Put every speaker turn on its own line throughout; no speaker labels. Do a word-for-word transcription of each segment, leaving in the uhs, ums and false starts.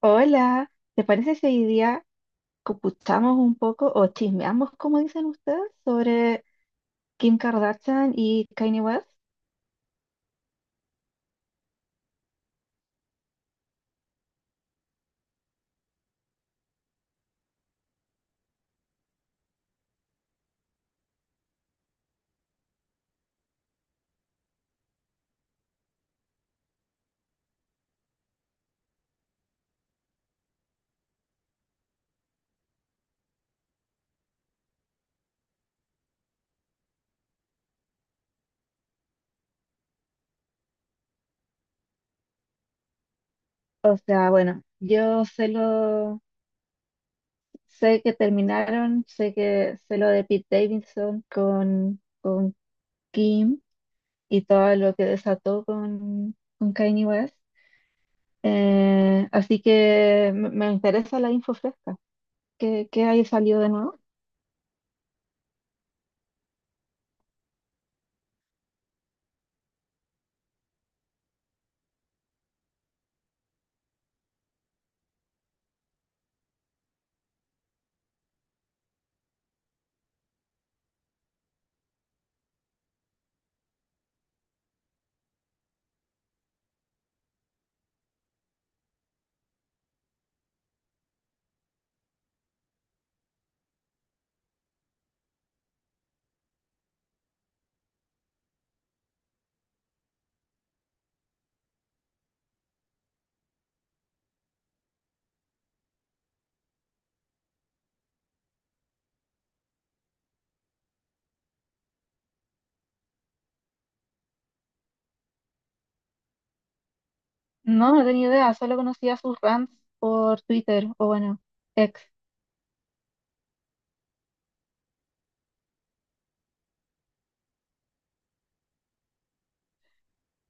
Hola, ¿te parece si hoy día computamos un poco o chismeamos, como dicen ustedes, sobre Kim Kardashian y Kanye West? O sea, bueno, yo sé lo, sé que terminaron, sé que sé lo de Pete Davidson con, con Kim y todo lo que desató con, con Kanye West. Eh, así que me, me interesa la info fresca. ¿Qué, qué hay salido de nuevo? No, no tenía idea, solo conocía sus rants por Twitter, o bueno, ex.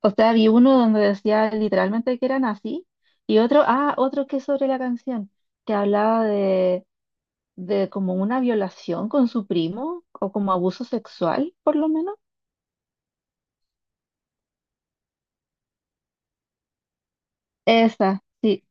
O sea, vi uno donde decía literalmente que eran así, y otro, ah, otro que es sobre la canción, que hablaba de, de como una violación con su primo, o como abuso sexual, por lo menos. Esa, sí.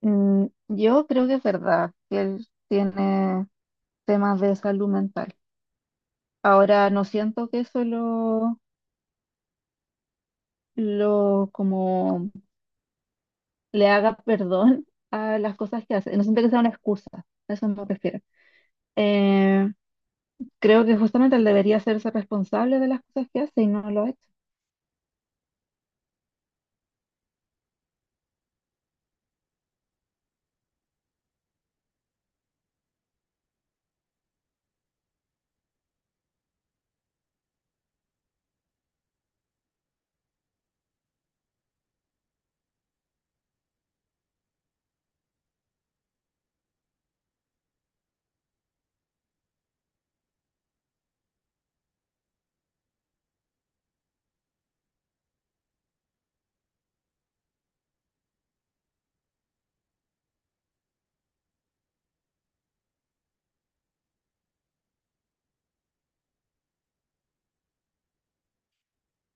Mm, yo creo que es verdad que él tiene temas de salud mental. Ahora, no siento que eso lo, lo como le haga perdón a las cosas que hace. No siento que sea una excusa, a eso me refiero. Eh, creo que justamente él debería hacerse responsable de las cosas que hace y no lo ha hecho.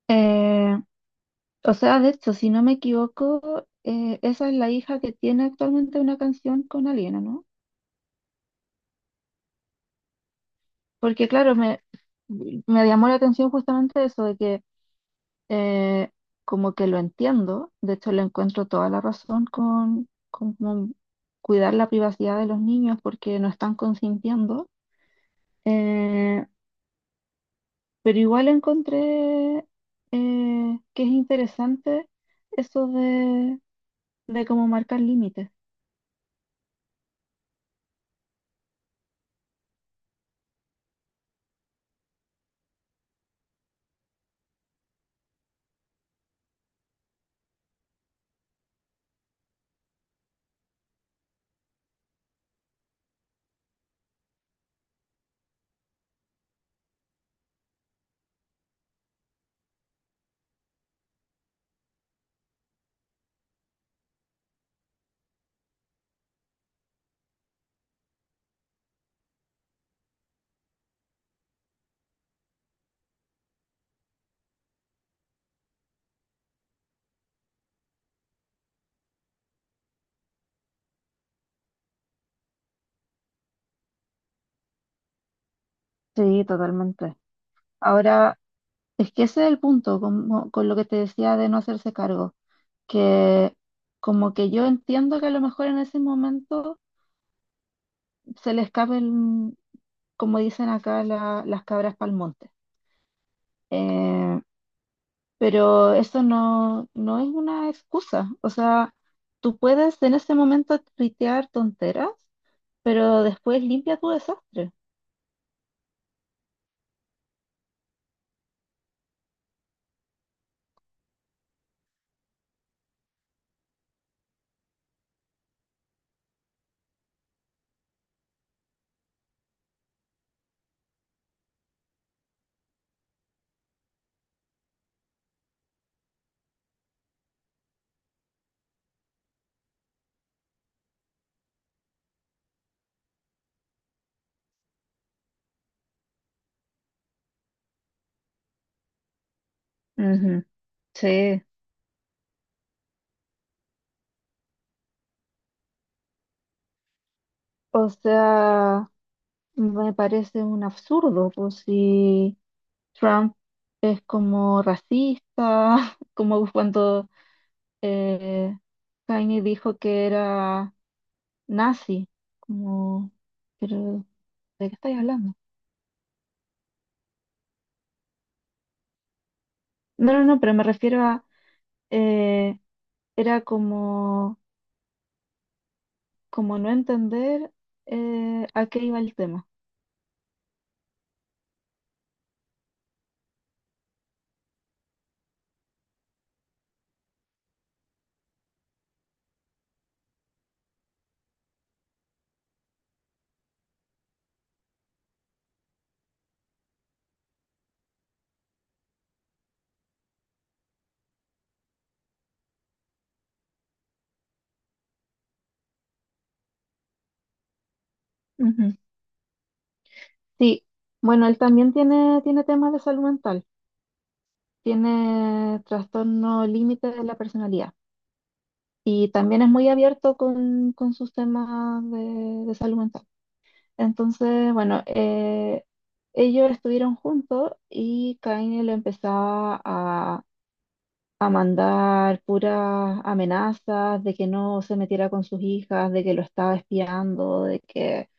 Eh, o sea, de hecho, si no me equivoco, eh, esa es la hija que tiene actualmente una canción con Aliena, ¿no? Porque claro, me, me llamó la atención justamente eso de que eh, como que lo entiendo, de hecho le encuentro toda la razón con, con como cuidar la privacidad de los niños porque no están consintiendo. Eh, pero igual encontré eh, que es interesante eso de, de cómo marcar límites. Sí, totalmente. Ahora, es que ese es el punto, como, con lo que te decía de no hacerse cargo, que como que yo entiendo que a lo mejor en ese momento se le escapen, como dicen acá, la- las cabras para monte. Eh, pero eso no, no es una excusa. O sea, tú puedes en ese momento tuitear tonteras, pero después limpia tu desastre. Ujú. Sí. O sea, me parece un absurdo, pues si Trump es como racista, como cuando eh, Kanye dijo que era nazi, como, pero ¿de qué estáis hablando? No, no, no, pero me refiero a, eh, era como, como no entender eh, a qué iba el tema. Ujú. Sí, bueno, él también tiene, tiene temas de salud mental, tiene trastorno límite de la personalidad y también es muy abierto con, con sus temas de, de salud mental. Entonces, bueno, eh, ellos estuvieron juntos y Kanye le empezaba a mandar puras amenazas de que no se metiera con sus hijas, de que lo estaba espiando, de que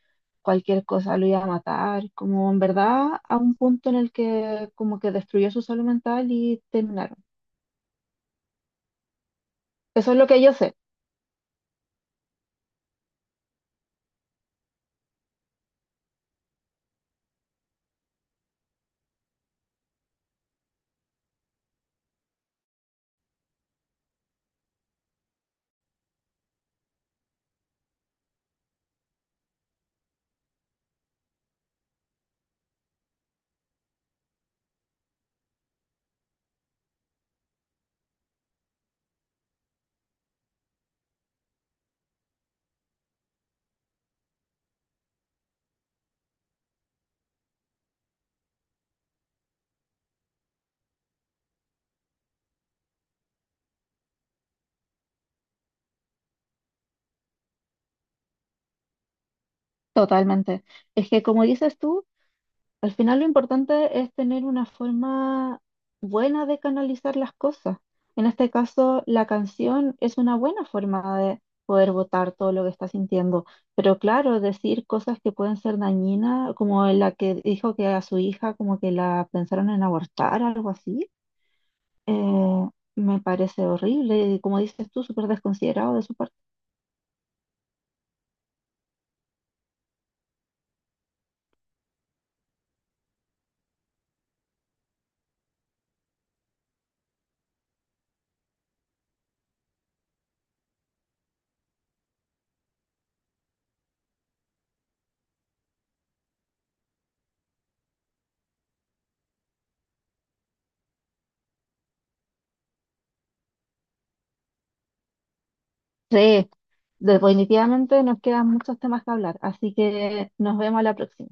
cualquier cosa lo iba a matar, como en verdad a un punto en el que como que destruyó su salud mental y terminaron. Eso es lo que yo sé. Totalmente. Es que como dices tú, al final lo importante es tener una forma buena de canalizar las cosas. En este caso, la canción es una buena forma de poder botar todo lo que está sintiendo. Pero claro, decir cosas que pueden ser dañinas, como la que dijo que a su hija como que la pensaron en abortar, algo así, eh, me parece horrible. Y como dices tú, súper desconsiderado de su parte. Sí, definitivamente nos quedan muchos temas que hablar. Así que nos vemos a la próxima.